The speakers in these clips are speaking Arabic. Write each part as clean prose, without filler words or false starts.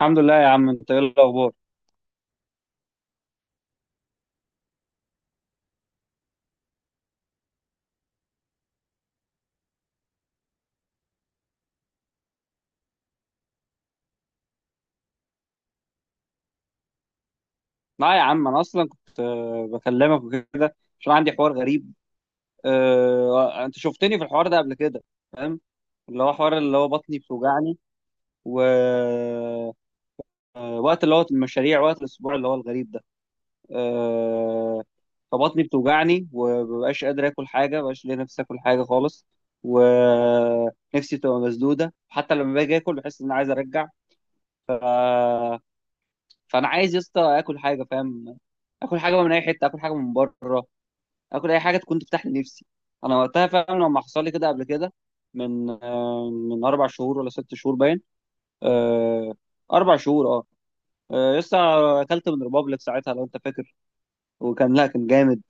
الحمد لله يا عم، انت ايه الاخبار؟ لا يا عم، انا اصلا كنت بكلمك وكده عشان عندي حوار غريب. انت شفتني في الحوار ده قبل كده؟ فاهم اللي هو حوار، اللي هو بطني بتوجعني ووقت، اللي هو المشاريع وقت الاسبوع اللي هو الغريب ده. آه، فبطني بتوجعني ومبقاش قادر اكل حاجه، مبقاش ليا نفسي اكل حاجه خالص، ونفسي تبقى مسدوده، حتى لما باجي اكل بحس ان انا عايز ارجع. فانا عايز يا اسطى اكل حاجه، فاهم؟ اكل حاجه بقى من اي حته، اكل حاجه من بره، اكل اي حاجه تكون تفتح لي نفسي. انا وقتها فاهم لما حصل لي كده قبل كده، من من اربع شهور ولا ست شهور باين. آه، اربع شهور اه. لسه اكلت من ريبابليك ساعتها لو انت فاكر، وكان لا كان جامد.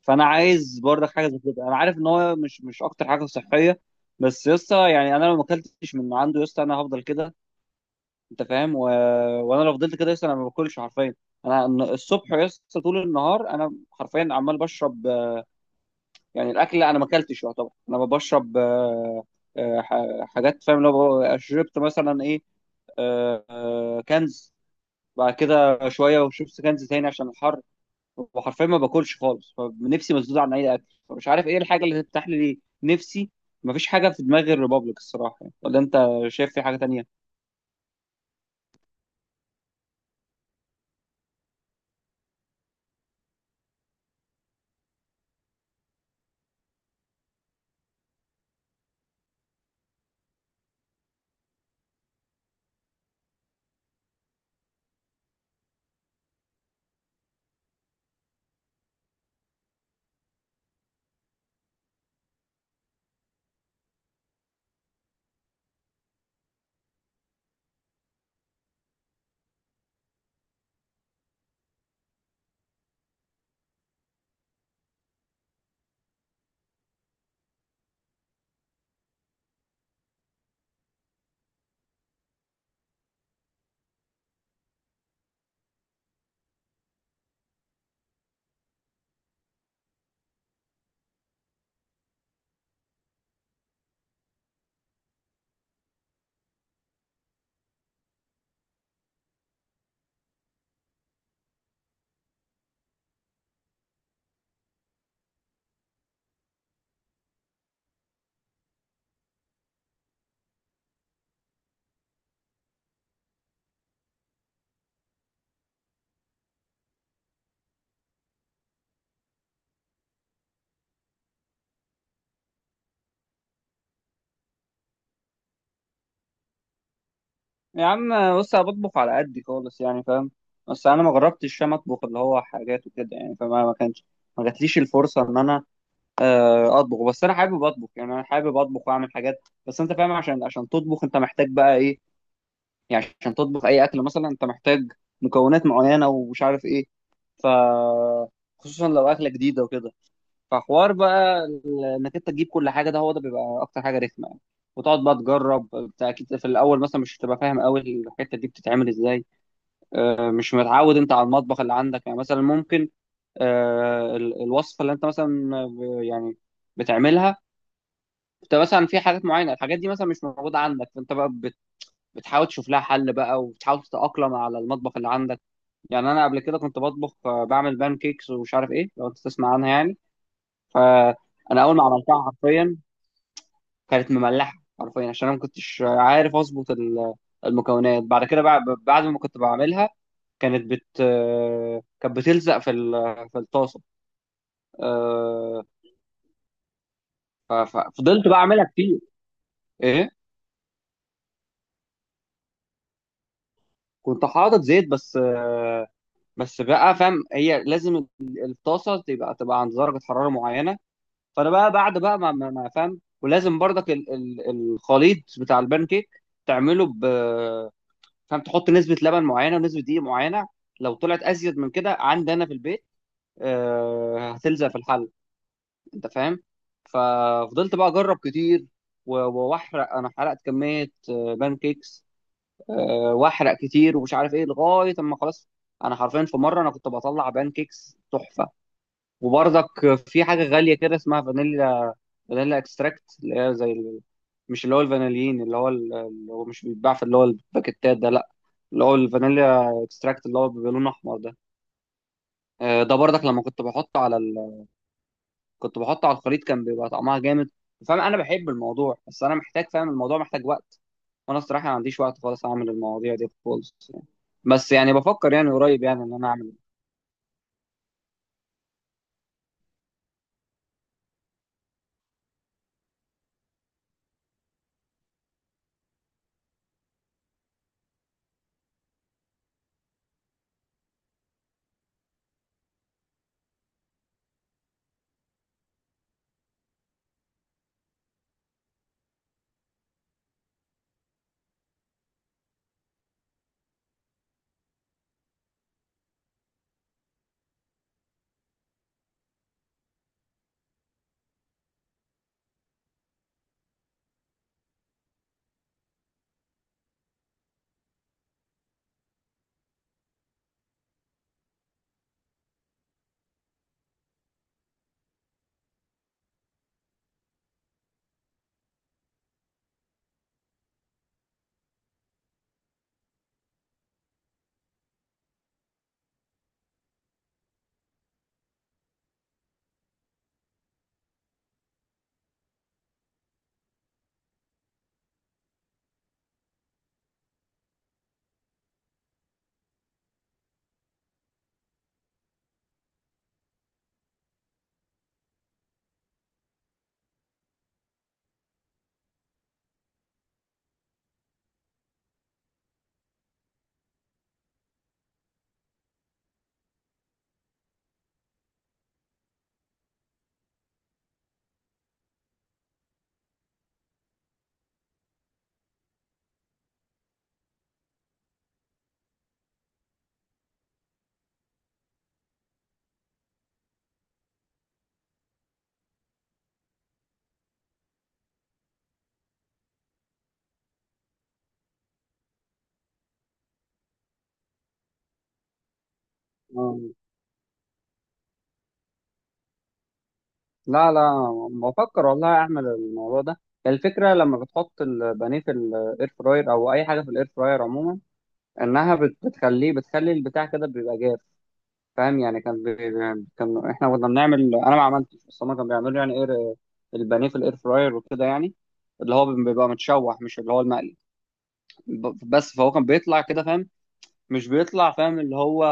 فانا عايز برضك حاجه زي كده. انا عارف ان هو مش اكتر حاجه صحيه، بس يسطا يعني انا لو ما اكلتش من عنده يسطا انا هفضل كده، انت فاهم؟ وانا لو فضلت كده لسه انا ما باكلش حرفيا. انا الصبح لسه طول النهار انا حرفيا عمال بشرب يعني الاكل انا ما اكلتش، يعتبر انا بشرب. حاجات، فاهم؟ لو شربت مثلا ايه، كنز، بعد كده شويه وشربت كنز تاني عشان الحر، وحرفيا ما باكلش خالص، فنفسي مسدود عن اي اكل، فمش عارف ايه الحاجه اللي تفتح لي نفسي. مفيش حاجه في دماغي الريبابليك الصراحه يعني. ولا انت شايف في حاجه تانية؟ يا عم بص، انا بطبخ على قدي خالص يعني، فاهم؟ بس انا ما جربتش، فاهم، اطبخ اللي هو حاجات وكده يعني، فما ما كانش ما جاتليش الفرصه ان انا اطبخ. بس انا حابب اطبخ، يعني انا حابب اطبخ واعمل حاجات، بس انت فاهم، عشان تطبخ انت محتاج بقى ايه. يعني عشان تطبخ اي اكل مثلا انت محتاج مكونات معينه ومش عارف ايه. ف خصوصا لو اكله جديده وكده، فحوار بقى انك انت تجيب كل حاجه، ده هو ده بيبقى اكتر حاجه رخمه يعني. وتقعد بقى تجرب بتاع، اكيد في الاول مثلا مش هتبقى فاهم قوي الحته دي بتتعمل ازاي. مش متعود انت على المطبخ اللي عندك يعني، مثلا ممكن الوصفه اللي انت مثلا يعني بتعملها، انت مثلا في حاجات معينه، الحاجات دي مثلا مش موجوده عندك، فانت بقى بتحاول تشوف لها حل بقى، وبتحاول تتاقلم على المطبخ اللي عندك. يعني انا قبل كده كنت بطبخ، بعمل بان كيكس ومش عارف ايه، لو انت تسمع عنها يعني. ف انا اول ما عملتها حرفيا كانت مملحه حرفيا، عشان انا ما كنتش عارف اظبط المكونات. بعد كده، بعد ما كنت بعملها كانت بت كانت بتلزق في في الطاسه. آه، فضلت بقى اعملها كتير. ايه، كنت حاطط زيت، بس بقى فاهم، هي لازم الطاسه تبقى عند درجه حراره معينه. فانا بقى بعد بقى ما فاهم، ولازم برضك الخليط بتاع البان كيك تعمله، فانت تحط نسبه لبن معينه ونسبه دقيق معينه. لو طلعت ازيد من كده عندي انا في البيت، هتلزق في الحل، انت فاهم؟ ففضلت بقى اجرب كتير و- واحرق، انا حرقت كميه بان كيكس. واحرق كتير ومش عارف ايه لغايه اما خلاص. انا حرفيا في مره انا كنت بطلع بان كيكس تحفه. وبرضك في حاجه غاليه كده اسمها فانيليا، فانيليا اكستراكت، اللي هي زي مش اللي هو الفانيلين، اللي هو اللي هو مش بيتباع في اللي هو الباكيتات ده، لا، اللي هو الفانيليا اكستراكت اللي هو بيبقى لونه احمر ده. ده برضك لما كنت بحطه على كنت بحطه على الخليط كان بيبقى طعمها جامد. فاهم، انا بحب الموضوع، بس انا محتاج، فاهم، الموضوع محتاج وقت، وانا الصراحه ما عنديش وقت خالص اعمل المواضيع دي خالص يعني. بس يعني بفكر يعني قريب يعني ان انا اعمل آه، لا لا، بفكر والله اعمل الموضوع ده. الفكره لما بتحط البانيه في الاير فراير، او اي حاجه في الاير فراير عموما، انها بتخليه، بتخلي البتاع كده بيبقى جاف، فاهم؟ يعني كان احنا كنا بنعمل، انا ما عملتش بس هما كانوا بيعملوا يعني ايه، البانيه في الاير فراير وكده يعني، اللي هو بيبقى متشوح مش اللي هو المقلي. بس فهو كان بيطلع كده، فاهم؟ مش بيطلع فاهم اللي هو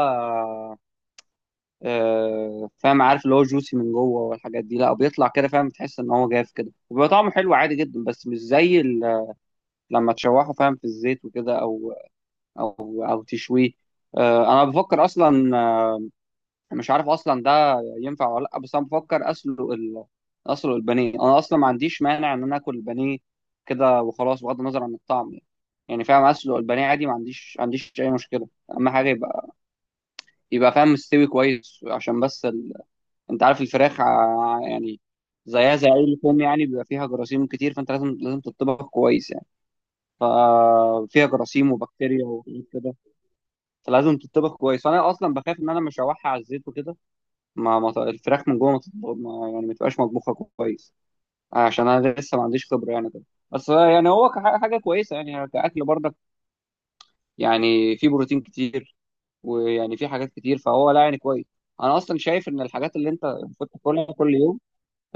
فاهم، عارف اللي هو جوسي من جوه والحاجات دي، لا، بيطلع كده، فاهم، تحس ان هو جاف كده، وبيبقى طعمه حلو عادي جدا، بس مش زي لما تشوحه، فاهم، في الزيت وكده، او او تشويه. انا بفكر اصلا، مش عارف اصلا ده ينفع ولا لا، بس انا بفكر اسلق اسلق البانيه. انا اصلا ما عنديش مانع ان انا اكل البانيه كده وخلاص، بغض النظر عن الطعم يعني، يعني فاهم اسلق البانيه عادي، ما عنديش اي مشكله. اهم حاجه يبقى فاهم مستوي كويس، عشان بس انت عارف الفراخ يعني زيها زي اي لحوم يعني، بيبقى فيها جراثيم كتير، فانت لازم تطبخ كويس يعني، ففيها جراثيم وبكتيريا وحاجات كده، فلازم تطبخ كويس. فانا اصلا بخاف ان انا مش هشوحها على الزيت وكده، ما ما ط- الفراخ من جوه ما تط- ما- يعني ما تبقاش مطبوخه كويس، عشان انا لسه ما عنديش خبره يعني كده. بس يعني هو حاجه كويسه يعني كاكل برضك، يعني في بروتين كتير ويعني في حاجات كتير، فهو لا يعني كويس. انا اصلا شايف ان الحاجات اللي انت المفروض تاكلها كل يوم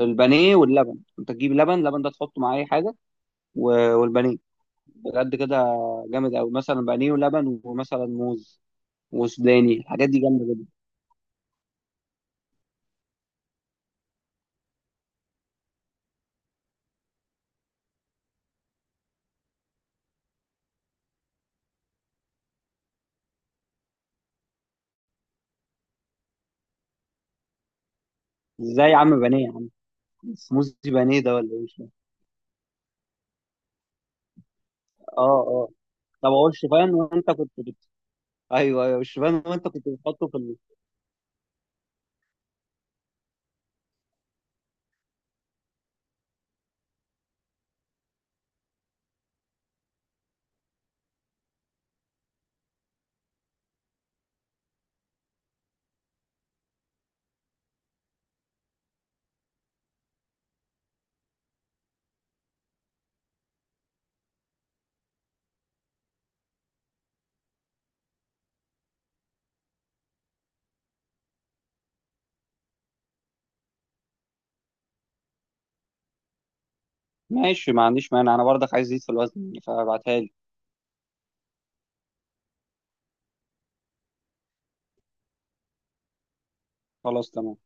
البانيه واللبن، انت تجيب لبن، لبن ده تحطه مع اي حاجه، والبانيه. بجد كده جامد قوي، مثلا بانيه ولبن ومثلا موز وسوداني، الحاجات دي جامده جدا. ازاي يا عم؟ بانيه يا عم؟ سموزي بانيه ده ولا ايه؟ اه اه. طب هو الشوفان وانت ايوه ايوه، الشوفان وانت كنت بتحطه في ماشي، ما عنديش مانع، انا برضك عايز ازيد في الوزن يعني، فابعتها لي. خلاص تمام.